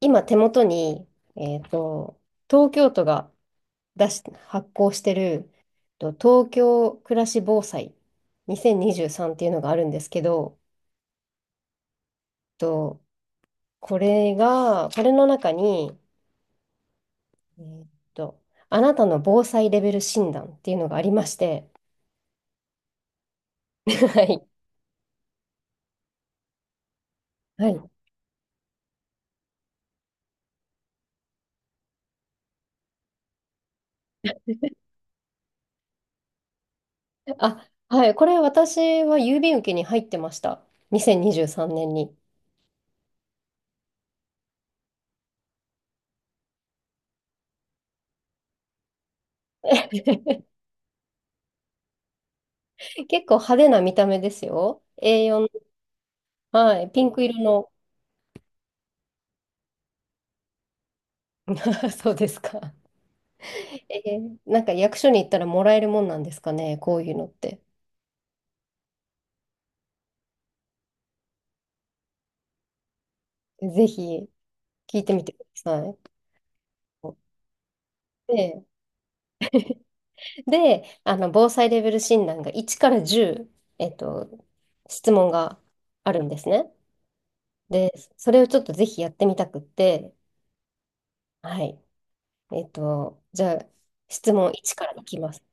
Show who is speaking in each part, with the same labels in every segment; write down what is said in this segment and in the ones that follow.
Speaker 1: 今手元に、えっと、東京都が発行してる、と東京暮らし防災2023っていうのがあるんですけど、と、これの中に、えっと、あなたの防災レベル診断っていうのがありまして、はい。はい。あ、はい。これ私は郵便受けに入ってました。2023年にじゅうさんねんに。結構派手な見た目ですよ。A4、はい。ピンク色の。そうですか。なんか役所に行ったらもらえるもんなんですかね、こういうのって。ぜひ聞いてみてください。で、で、あの、防災レベル診断が1から10、えっと、質問があるんですね。で、それをちょっとぜひやってみたくって、はい。じゃあ、質問1からいきます。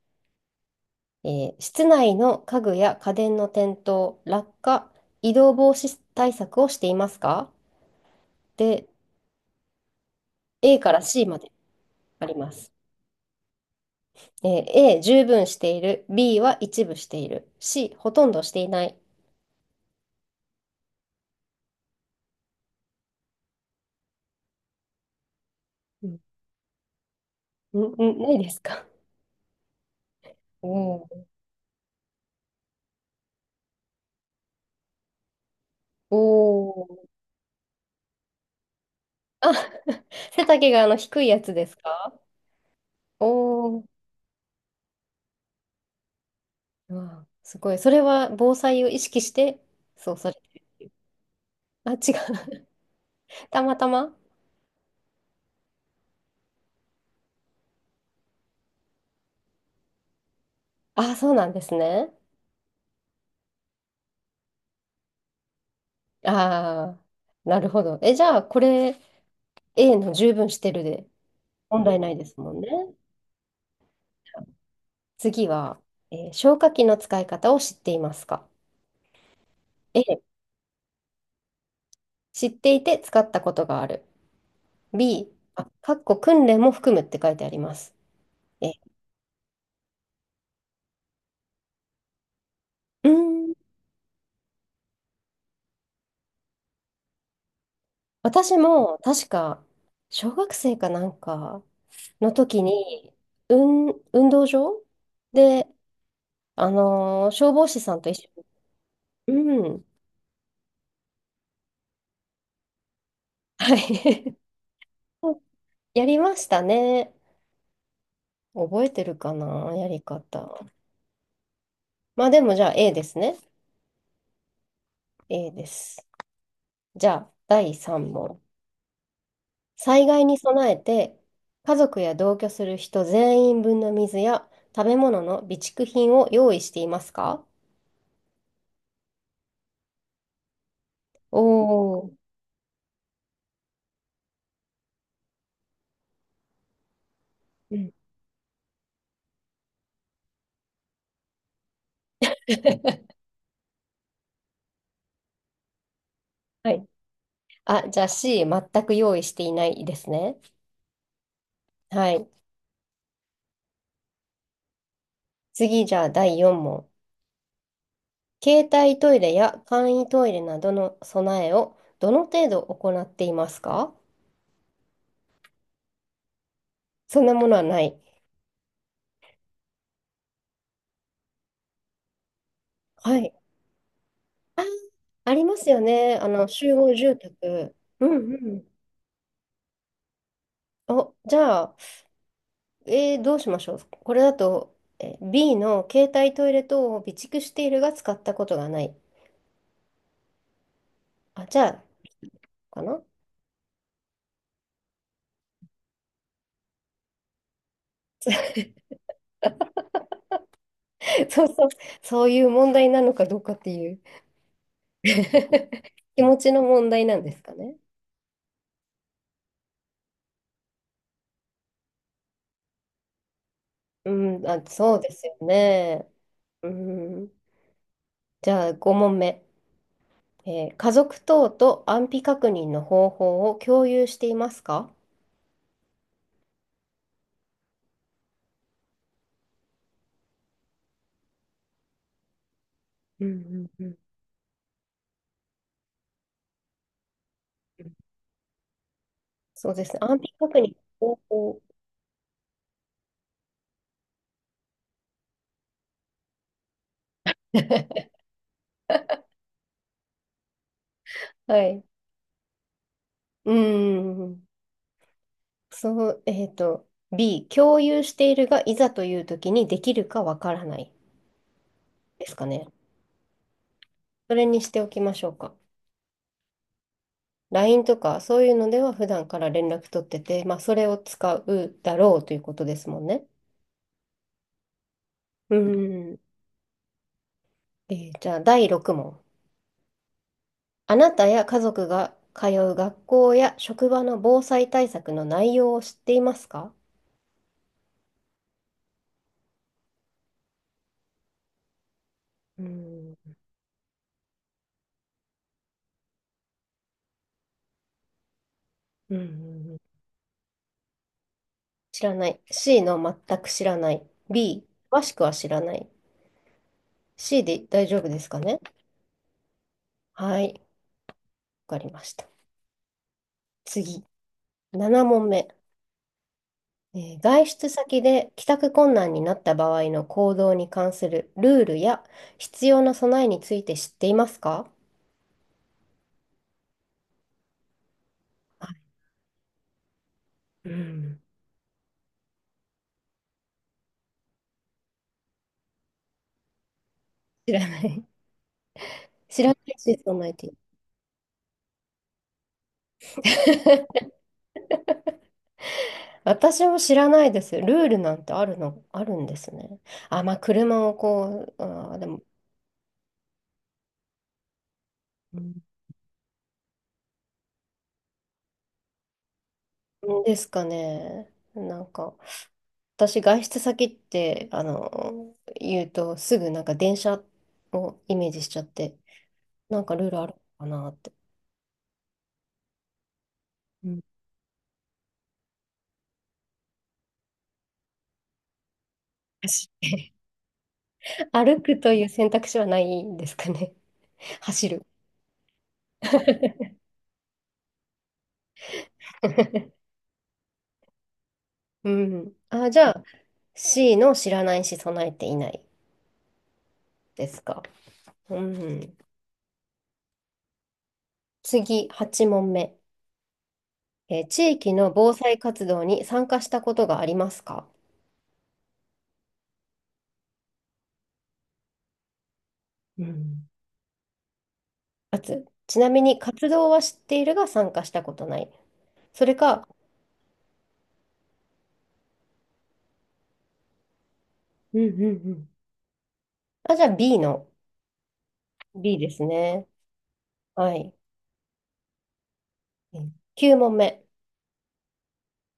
Speaker 1: 室内の家具や家電の転倒、落下、移動防止対策をしていますか？で、A から C まであります。えA、十分している。B は一部している。C、ほとんどしていない。うん。うん、ないですか？おーおー。あ、背丈があの低いやつですか？おおー。うわすごい。それは防災を意識して、そう、それ。あ、違う。たまたま。あ、そうなんですね。ああ、なるほど。え、じゃあ、これ、A の十分してるで、問題ないですもんね。次は、消火器の使い方を知っていますか？ A、知っていて使ったことがある。B、あ、かっこ訓練も含むって書いてあります。え、うーん、私も確か、小学生かなんかの時に、うん、運動場で、あのー消防士さんと一緒に、うん、はい。 やりましたね。覚えてるかな、やり方。まあでもじゃあ A ですね。A です。じゃあ、第3問。災害に備えて、家族や同居する人全員分の水や食べ物の備蓄品を用意していますか？おおー、うん。はい。あ、じゃあ C、全く用意していないですね。はい。次、じゃあ第4問。携帯トイレや簡易トイレなどの備えをどの程度行っていますか？そんなものはない。はい。あ、ありますよね。あの、集合住宅。うんうん。お、じゃあ、どうしましょう。これだと、B の携帯トイレ等を備蓄しているが使ったことがない。あ、じゃあ、かな。 そうそう、そういう問題なのかどうかっていう。 気持ちの問題なんですかね。うん、あ、そうですよね。うん、じゃあ、5問目。家族等と安否確認の方法を共有していますか？うんうんうんうん、そうですね。安否確認の方法。はい。うん。そう、B、共有しているが、いざという時にできるかわからないですかね。それにしておきましょうか。LINE とかそういうのでは普段から連絡取ってて、まあ、それを使うだろうということですもんね。うん。じゃあ、第6問。あなたや家族が通う学校や職場の防災対策の内容を知っていますか？うん。うんうんうん、知らない。C の全く知らない。B、詳しくは知らない。C で大丈夫ですかね？はい、わかりました。次、7問目。外出先で帰宅困難になった場合の行動に関するルールや必要な備えについて知っていますか？はい、うん、知らない。知らないし、備えて。私も知らないです。ルールなんてあるの、あるんですね。あ、まあ、車をこう、あー、でも、うんですかね。なんか、私、外出先って、言うと、すぐなんか電車をイメージしちゃって、なんかルールあるのかなって。うん、走って。 歩くという選択肢はないんですかね。走る。うん。あ、じゃあ、C の知らないし備えていないですか。うん。次、8問目。地域の防災活動に参加したことがありますか？うん。かつ、ちなみに活動は知っているが参加したことない。それか、うんうんうん。あ、じゃあ B ですね。はい。きゅう9問目。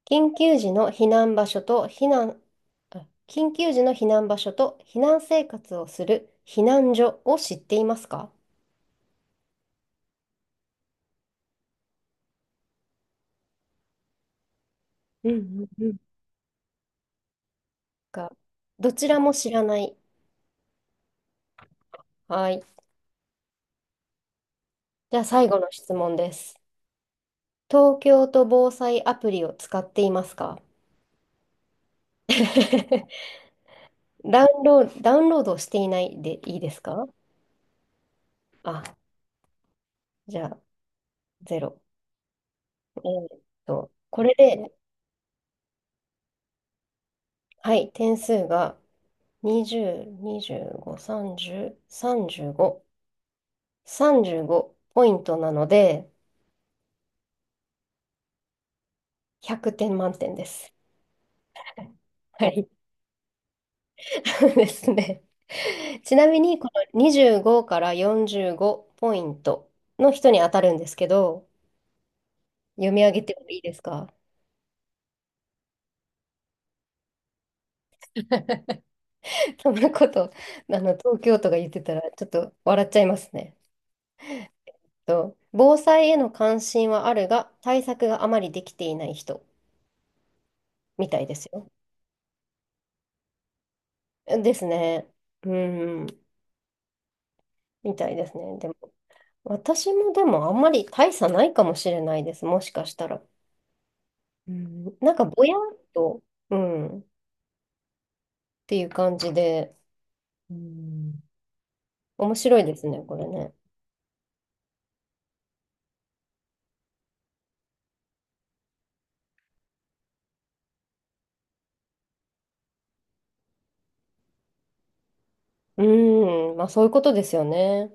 Speaker 1: 緊急時の避難場所と避難、緊急時の避難場所と避難生活をする避難所を知っていますか？うんうん。が、どちらも知らない。はい。じゃあ最後の質問です。東京都防災アプリを使っていますか？ ダウンロードしていないでいいですか？あ、じゃあ、ゼロ。うっと、これで、はい、点数が20、25、30、35、35ポイントなので、100点満点です。はい。ですね。ちなみに、この25から45ポイントの人に当たるんですけど、読み上げてもいいですか？ そんなこと、あの、東京都が言ってたら、ちょっと笑っちゃいますね。と、防災への関心はあるが、対策があまりできていない人。みたいですよ。ですね。うん、みたいですね。でも、私もでもあんまり大差ないかもしれないです。もしかしたら。うん、なんかぼやっと、うん、っていう感じで、うん、面白いですね、これね。うん、まあそういうことですよね。